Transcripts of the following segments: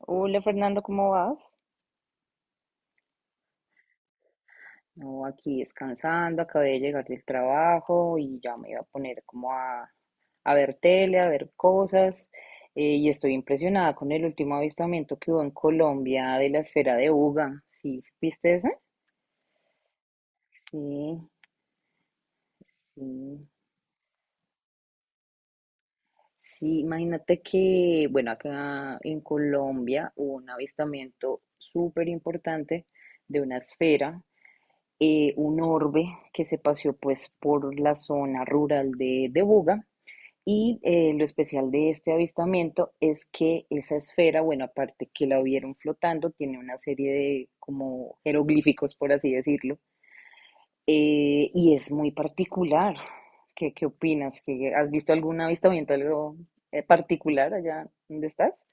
Hola Fernando, ¿cómo vas? No, aquí descansando, acabé de llegar del trabajo y ya me iba a poner como a ver tele, a ver cosas. Y estoy impresionada con el último avistamiento que hubo en Colombia de la esfera de Uga. ¿Sí supiste eso? Sí, sí. Sí, imagínate que, bueno, acá en Colombia hubo un avistamiento súper importante de una esfera, un orbe que se paseó pues por la zona rural de Buga. Y lo especial de este avistamiento es que esa esfera, bueno, aparte que la vieron flotando, tiene una serie de como jeroglíficos, por así decirlo, y es muy particular. ¿Qué opinas? ¿Has visto algún avistamiento, algo particular allá donde estás?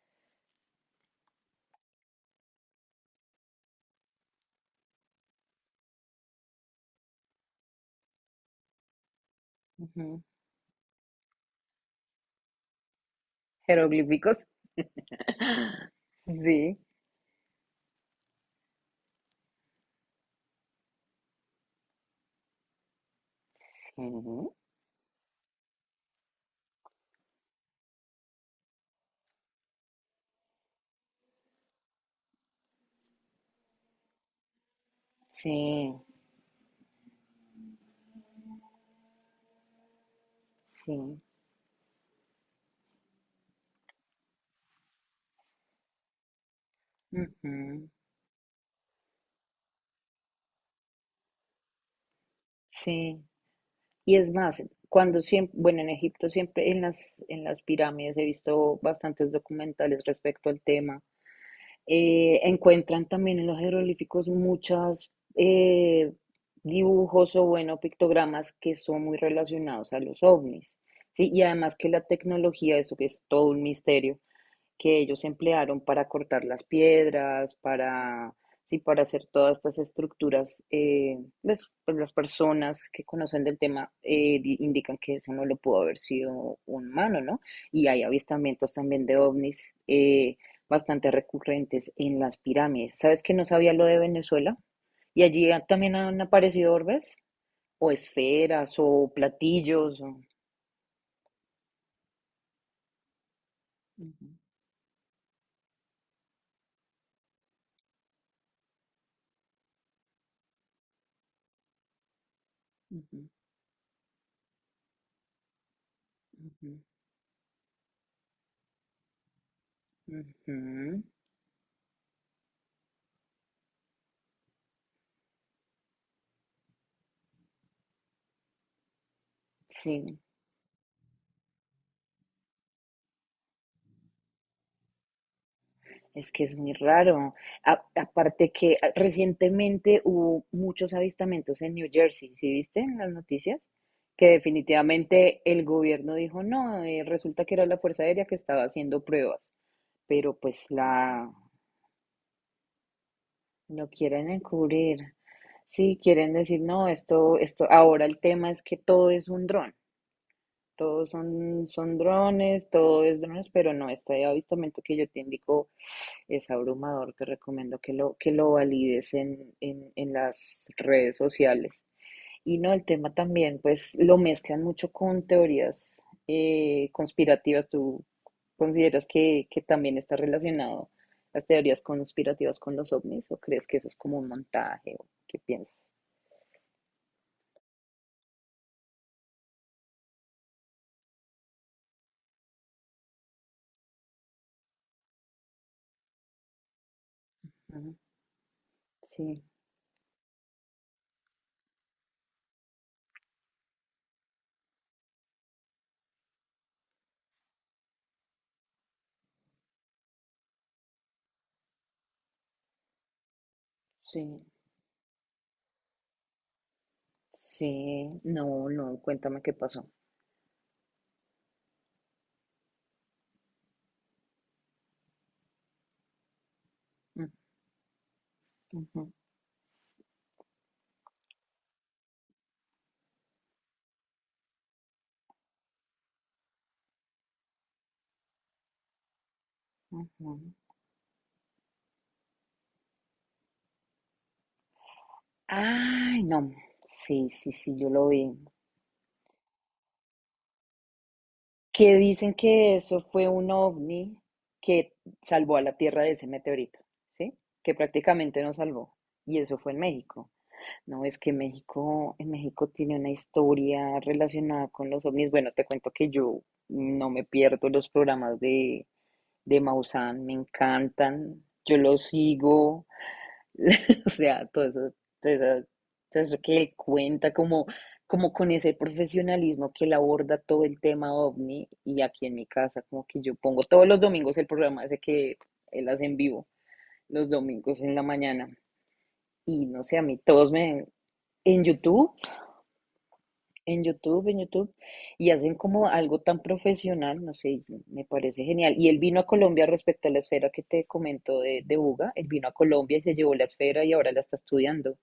Ujú. Jeroglíficos. Sí. Sí. Sí. Sí. Ujú. Sí, y es más, cuando siempre, bueno, en Egipto siempre en las pirámides he visto bastantes documentales respecto al tema. Encuentran también en los jeroglíficos muchos dibujos o, bueno, pictogramas que son muy relacionados a los ovnis, ¿sí? Y además que la tecnología, eso que es todo un misterio, que ellos emplearon para cortar las piedras, sí, para hacer todas estas estructuras. Pues las personas que conocen del tema indican que eso no lo pudo haber sido un humano, ¿no? Y hay avistamientos también de ovnis bastante recurrentes en las pirámides. ¿Sabes que no sabía lo de Venezuela? Y allí también han aparecido orbes, o esferas, o platillos. Ujú, ujú, ujú, ujú. Sí. Es que es muy raro. Aparte que recientemente hubo muchos avistamientos en New Jersey, ¿sí viste en las noticias? Que definitivamente el gobierno dijo, no, resulta que era la Fuerza Aérea que estaba haciendo pruebas, pero pues la lo quieren encubrir. Sí, quieren decir, no, esto, ahora el tema es que todo es un dron. Todos son drones, todo es drones, pero no, este avistamiento que yo te indico es abrumador. Te recomiendo que lo valides en las redes sociales. Y no, el tema también, pues lo mezclan mucho con teorías conspirativas. ¿Tú consideras que también está relacionado las teorías conspirativas con los ovnis o crees que eso es como un montaje o qué piensas? Ujú. Sí, sí, sí, no, no, cuéntame qué pasó. Ujú, ujú, ujú. Ay, no. Sí, sí, sí, yo lo vi. Que dicen que eso fue un ovni que salvó a la Tierra de ese meteorito, ¿sí? Que prácticamente nos salvó. Y eso fue en México. No, es que México, en México tiene una historia relacionada con los ovnis. Bueno, te cuento que yo no me pierdo los programas de Maussan, me encantan. Yo los sigo. O sea, todo eso, todo eso, todo eso que él cuenta, como con ese profesionalismo que él aborda todo el tema ovni y aquí en mi casa, como que yo pongo todos los domingos el programa ese que él hace en vivo, los domingos en la mañana. Y no sé, a mí todos me... En YouTube en YouTube, y hacen como algo tan profesional, no sé, me parece genial. Y él vino a Colombia respecto a la esfera que te comento de Buga, él vino a Colombia y se llevó la esfera y ahora la está estudiando.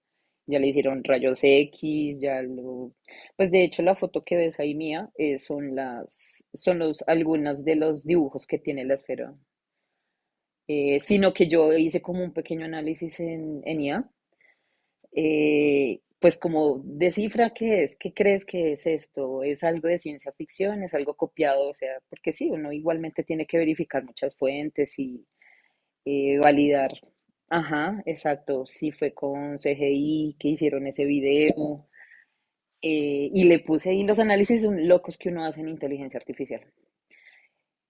Ya le hicieron rayos X, ya lo... Pues de hecho la foto que ves ahí mía, son las, son los, algunas de los dibujos que tiene la esfera. Sino que yo hice como un pequeño análisis en IA, pues como descifra qué es, qué crees que es esto, es algo de ciencia ficción, es algo copiado, o sea, porque sí, uno igualmente tiene que verificar muchas fuentes y validar. Ajá, exacto, si fue con CGI, que hicieron ese video. Y le puse ahí los análisis locos que uno hace en inteligencia artificial.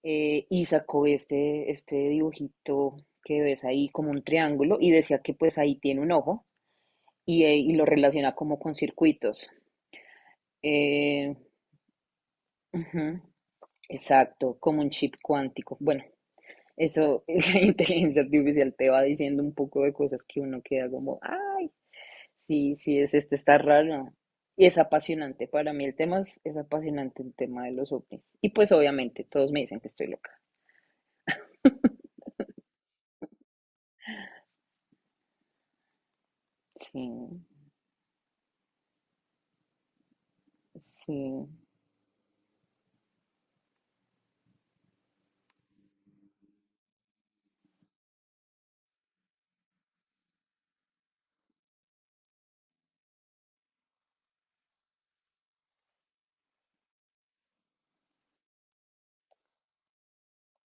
Y sacó este dibujito que ves ahí como un triángulo y decía que pues ahí tiene un ojo y lo relaciona como con circuitos. Eh, Ujú, exacto, como un chip cuántico. Bueno, eso, la inteligencia artificial te va diciendo un poco de cosas que uno queda como, ay, sí, sí, es esto, está raro. Y es apasionante, para mí el tema es apasionante, el tema de los ovnis. Y pues obviamente todos me dicen que estoy loca. Sí, sí,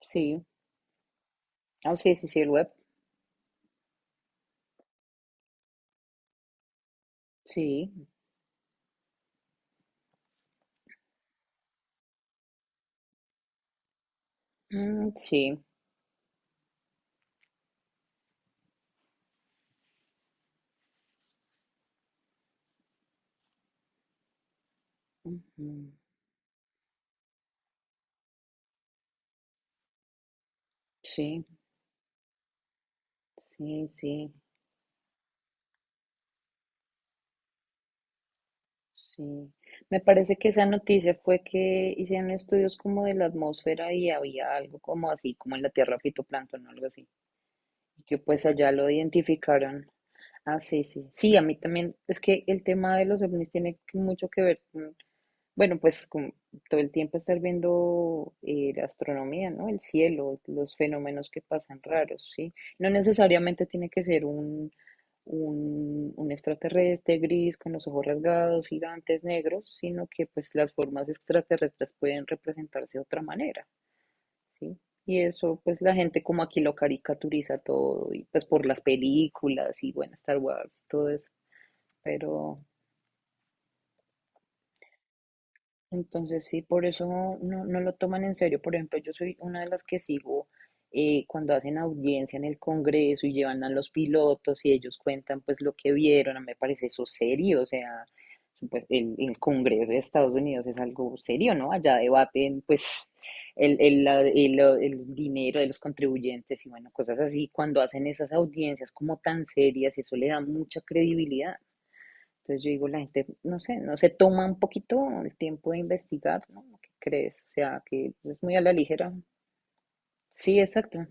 sí. Ah, sí, sí, sí, el web. Sí. Mm, sí, ujú, sí, sí, sí. Sí, me parece que esa noticia fue que hicieron estudios como de la atmósfera y había algo como así, como en la tierra fitoplancton o algo así, y que pues allá lo identificaron. Ah, sí, sí. Sí, a mí también, es que el tema de los ovnis mucho que ver, bueno, pues con todo el tiempo estar viendo la astronomía, ¿no? El cielo, los fenómenos que pasan raros, ¿sí? No necesariamente tiene que ser un extraterrestre gris con los ojos rasgados, gigantes, negros, sino que pues las formas extraterrestres pueden representarse de otra manera, ¿sí? Y eso pues la gente como aquí lo caricaturiza todo, y pues por las películas y bueno, Star Wars todo eso, pero... Entonces, sí, por eso no, no, no lo toman en serio. Por ejemplo, yo soy una de las que sigo cuando hacen audiencia en el Congreso y llevan a los pilotos y ellos cuentan pues lo que vieron. A mí me parece eso serio. O sea, pues, el Congreso de Estados Unidos es algo serio, ¿no? Allá debaten pues el dinero de los contribuyentes y bueno, cosas así. Cuando hacen esas audiencias como tan serias, eso le da mucha credibilidad. Entonces yo digo, la gente, no sé, no se toma un poquito el tiempo de investigar, ¿no? ¿Qué crees? O sea, que es muy a la ligera. Sí, exacto.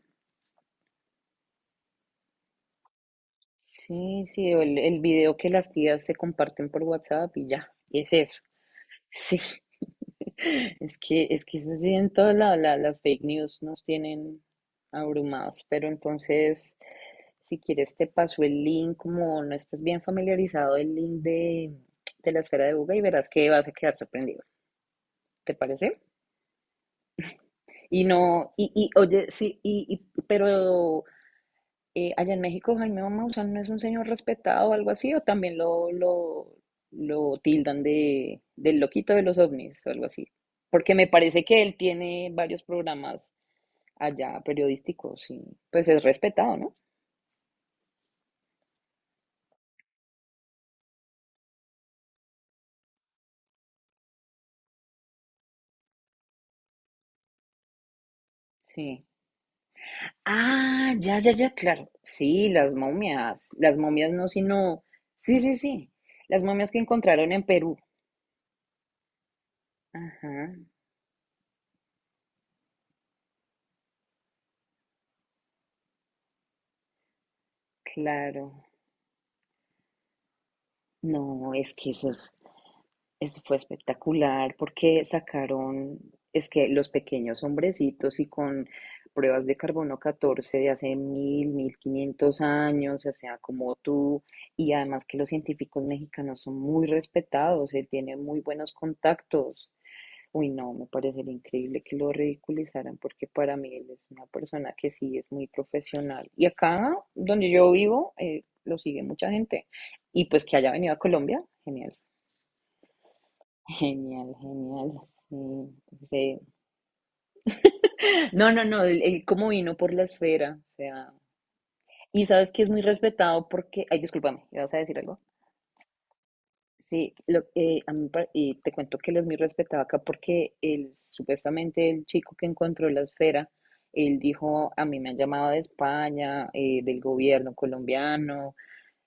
Sí, sí, o el video que las tías se comparten por WhatsApp y ya, es eso. Sí. Es que eso sí, en todas las fake news nos tienen abrumados, pero entonces, si quieres, te paso el link, como no estés bien familiarizado, el link de la esfera de Buga y verás que vas a quedar sorprendido. ¿Te parece? Y no, y oye, sí, pero allá en México Jaime Maussan no es un señor respetado o algo así, o también lo tildan del loquito de los ovnis o algo así. Porque me parece que él tiene varios programas allá periodísticos y pues es respetado, ¿no? Sí. Ah, ya, ya, ya, claro. Sí, las momias. Las momias no, sino... Sí, sí, sí. Las momias que encontraron en Perú. Ajá, claro. No, es que eso. Eso fue espectacular porque sacaron, es que los pequeños hombrecitos y con pruebas de carbono 14 de hace 1000, 1500 años, o sea, como tú, y además que los científicos mexicanos son muy respetados, él tiene muy buenos contactos. Uy, no, me parecería increíble que lo ridiculizaran porque para mí él es una persona que sí es muy profesional. Y acá, donde yo vivo, lo sigue mucha gente. Y pues que haya venido a Colombia, genial. Genial, genial, sí, sí. No, no, no, el cómo vino por la esfera, o sea, y sabes que es muy respetado porque, ay, discúlpame, ¿vas a decir algo? Sí, lo, a mí me y te cuento que él es muy respetado acá porque él, supuestamente el chico que encontró la esfera, él dijo, a mí me han llamado de España, del gobierno colombiano,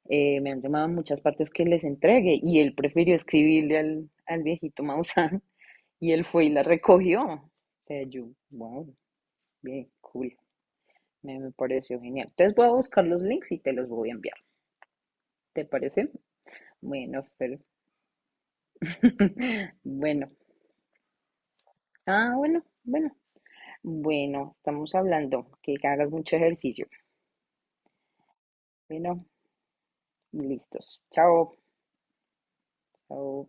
me han llamado a muchas partes que les entregue y él prefirió escribirle al viejito Maussan. Y él fue y la recogió. O sea, yo, wow, bien, cool. Me pareció genial. Entonces voy a buscar los links y te los voy a enviar. ¿Te parece? Bueno, pero. Bueno. Ah, bueno, bueno. Bueno, estamos hablando. Que hagas mucho ejercicio. Bueno, listos. Chao. Chao.